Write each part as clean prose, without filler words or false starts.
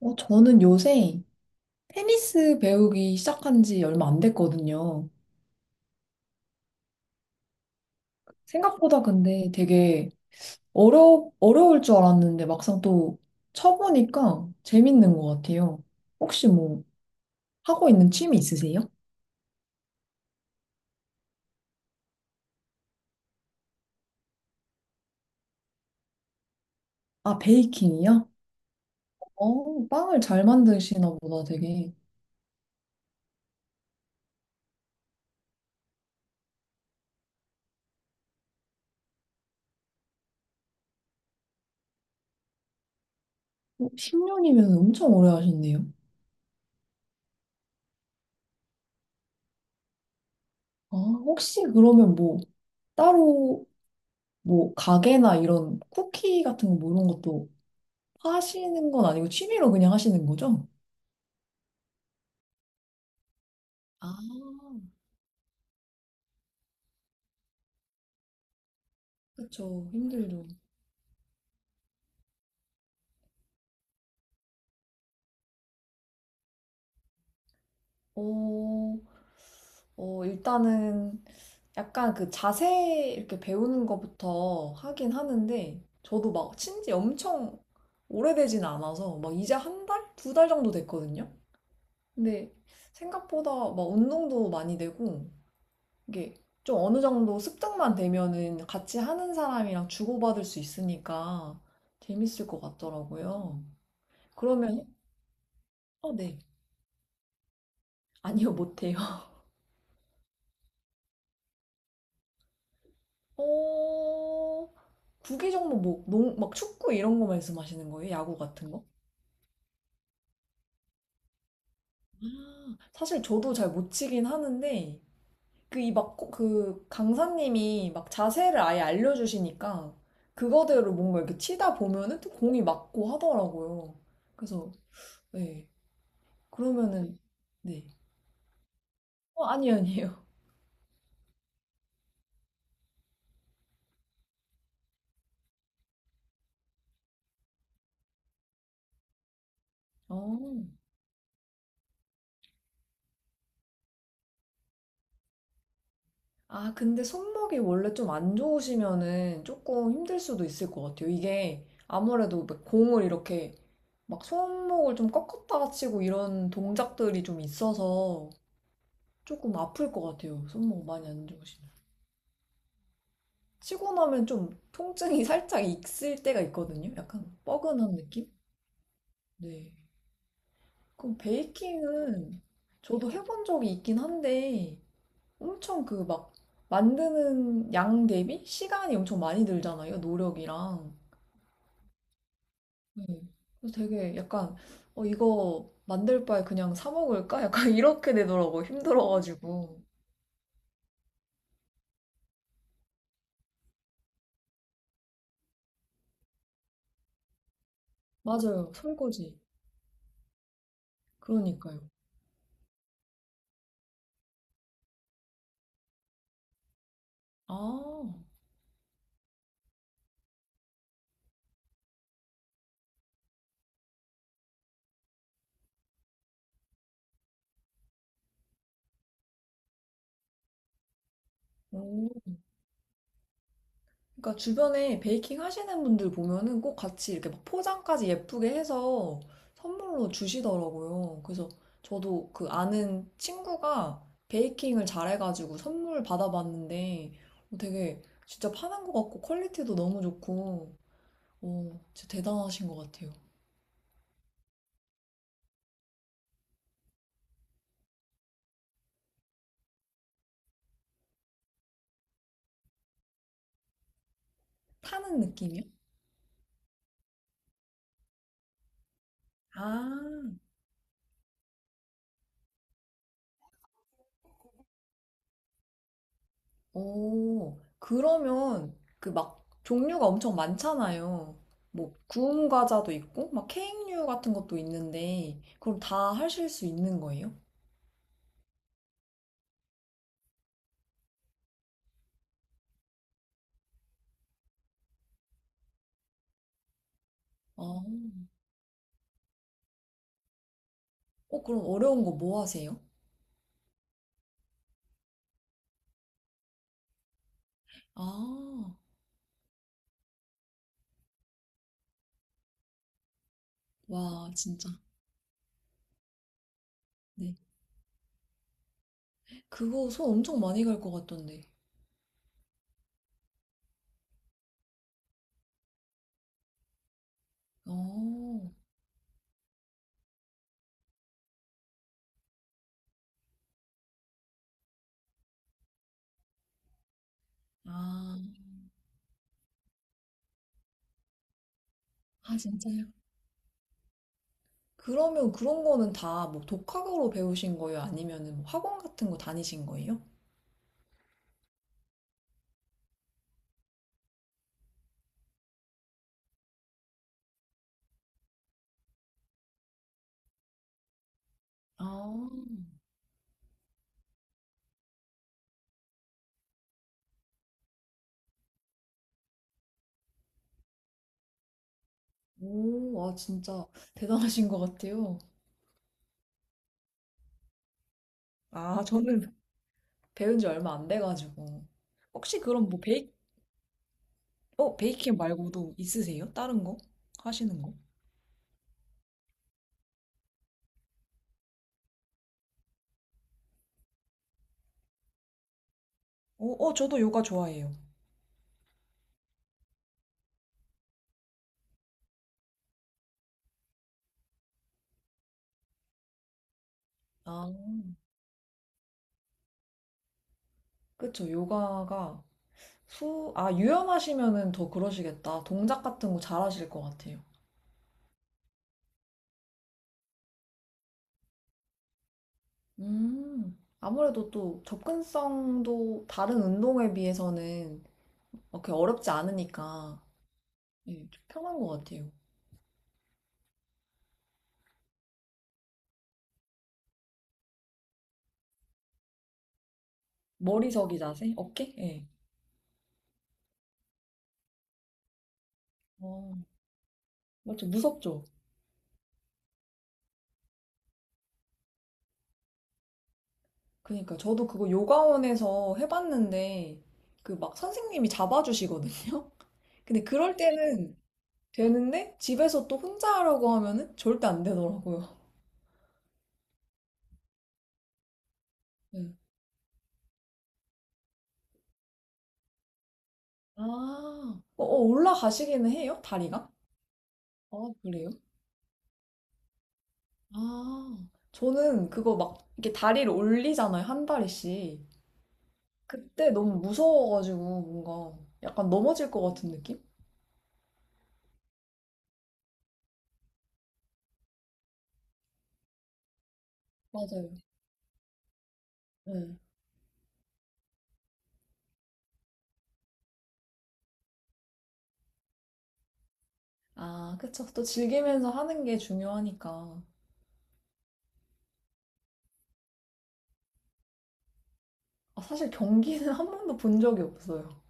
저는 요새 테니스 배우기 시작한 지 얼마 안 됐거든요. 생각보다 근데 되게 어려울 줄 알았는데 막상 또 쳐보니까 재밌는 것 같아요. 혹시 뭐 하고 있는 취미 있으세요? 아, 베이킹이요? 빵을 잘 만드시나 보다 되게. 10년이면 엄청 오래 하셨네요. 아, 혹시 그러면 뭐 따로 뭐 가게나 이런 쿠키 같은 거뭐 이런 것도 하시는 건 아니고 취미로 그냥 하시는 거죠? 아, 그쵸. 힘들죠. 어, 일단은 약간 그 자세 이렇게 배우는 것부터 하긴 하는데, 저도 막 친지 엄청 오래되진 않아서, 막 이제 한 달? 2달 정도 됐거든요? 근데 생각보다 막 운동도 많이 되고, 이게 좀 어느 정도 습득만 되면은 같이 하는 사람이랑 주고받을 수 있으니까 재밌을 것 같더라고요. 그러면 어, 네. 아니요, 못해요. 어, 구기 종목 뭐, 막 축구 이런 거 말씀하시는 거예요? 야구 같은 거? 사실 저도 잘 못 치긴 하는데 그 이 막 그 강사님이 막 자세를 아예 알려주시니까 그거대로 뭔가 이렇게 치다 보면은 또 공이 맞고 하더라고요. 그래서 네. 그러면은 네. 아니 아니에요. 어. 아, 근데 손목이 원래 좀 안 좋으시면은 조금 힘들 수도 있을 것 같아요. 이게 아무래도 막 공을 이렇게 막 손목을 좀 꺾었다가 치고 이런 동작들이 좀 있어서 조금 아플 것 같아요. 손목 많이 안 좋으시면. 치고 나면 좀 통증이 살짝 있을 때가 있거든요. 약간 뻐근한 느낌? 네. 그럼 베이킹은 저도 해본 적이 있긴 한데 엄청 그 막 만드는 양 대비 시간이 엄청 많이 들잖아요. 노력이랑. 음. 그래서 되게 약간 이거 만들 바에 그냥 사 먹을까? 약간 이렇게 되더라고 힘들어가지고 맞아요 설거지 그러니까요 아 오. 그러니까 주변에 베이킹 하시는 분들 보면은 꼭 같이 이렇게 막 포장까지 예쁘게 해서 선물로 주시더라고요. 그래서 저도 그 아는 친구가 베이킹을 잘해가지고 선물 받아봤는데 되게 진짜 파는 것 같고 퀄리티도 너무 좋고 오 진짜 대단하신 것 같아요. 타는 느낌이요? 아, 오, 그러면 그 막 종류가 엄청 많잖아요. 뭐 구운 과자도 있고 막 케이크류 같은 것도 있는데 그럼 다 하실 수 있는 거예요? 아, 그럼 어려운 거 뭐 하세요? 아, 와, 진짜. 네. 그거 손 엄청 많이 갈 것 같던데. 어, 아, 아, 진짜요? 그러면 그런 거는 다 뭐 독학으로 배우신 거예요? 아니면은 뭐 학원 같은 거 다니신 거예요? 아. 오, 와, 진짜 대단하신 것 같아요. 아, 저는 배운 지 얼마 안 돼가지고. 혹시 그럼 뭐 베이킹 말고도 있으세요? 다른 거? 하시는 거? 저도 요가 좋아해요. 아, 그쵸. 요가가 아, 유연하시면은 더 그러시겠다. 동작 같은 거 잘하실 것 같아요. 아무래도 또 접근성도 다른 운동에 비해서는 그렇게 어렵지 않으니까 예, 좀 편한 것 같아요. 머리 서기 자세? 어깨? 예. 어, 맞죠. 무섭죠. 그러니까 저도 그거 요가원에서 해봤는데 그 막 선생님이 잡아주시거든요. 근데 그럴 때는 되는데 집에서 또 혼자 하라고 하면은 절대 안 되더라고요. 네. 아, 올라가시기는 해요? 다리가? 아 그래요? 아, 저는 그거 막 이렇게 다리를 올리잖아요. 한 다리씩. 그때 너무 무서워가지고 뭔가 약간 넘어질 것 같은 느낌? 맞아요. 네. 아, 그쵸. 또 즐기면서 하는 게 중요하니까. 아, 사실 경기는 한 번도 본 적이 없어요.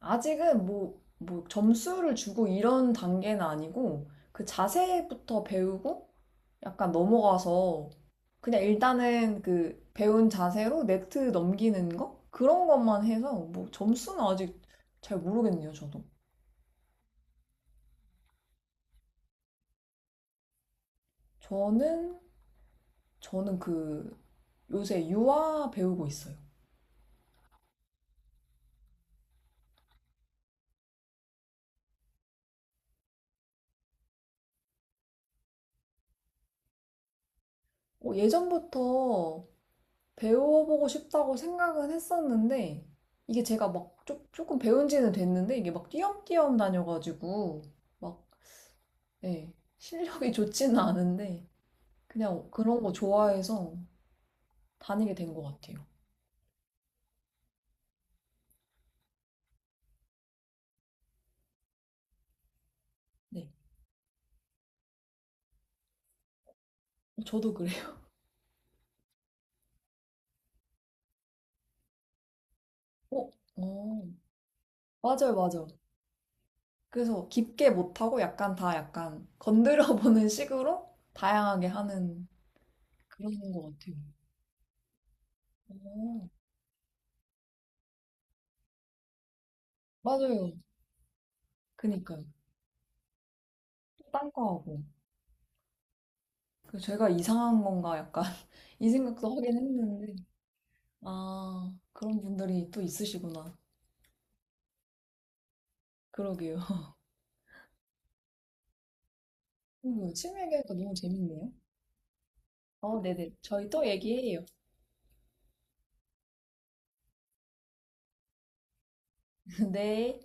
아직은 뭐 점수를 주고 이런 단계는 아니고 그 자세부터 배우고 약간 넘어가서 그냥 일단은 그 배운 자세로 네트 넘기는 거? 그런 것만 해서 뭐 점수는 아직 잘 모르겠네요, 저도. 저는, 저는 그 요새 유아 배우고 있어요. 예전부터 배워보고 싶다고 생각은 했었는데 이게 제가 막 조금 배운 지는 됐는데 이게 막 띄엄띄엄 다녀가지고 막 예, 실력이 좋지는 않은데 그냥 그런 거 좋아해서 다니게 된 것 같아요. 네, 저도 그래요. 어, 어, 맞아요, 맞아요. 그래서 깊게 못하고 약간 다 약간 건드려보는 식으로 다양하게 하는 그런 것 같아요. 어, 맞아요. 그니까요. 딴거 하고. 그 제가 이상한 건가 약간 이 생각도 하긴 했는데 아 그런 분들이 또 있으시구나 그러게요 취미 얘기하니까 너무 재밌네요. 어 네네 저희 또 얘기해요 네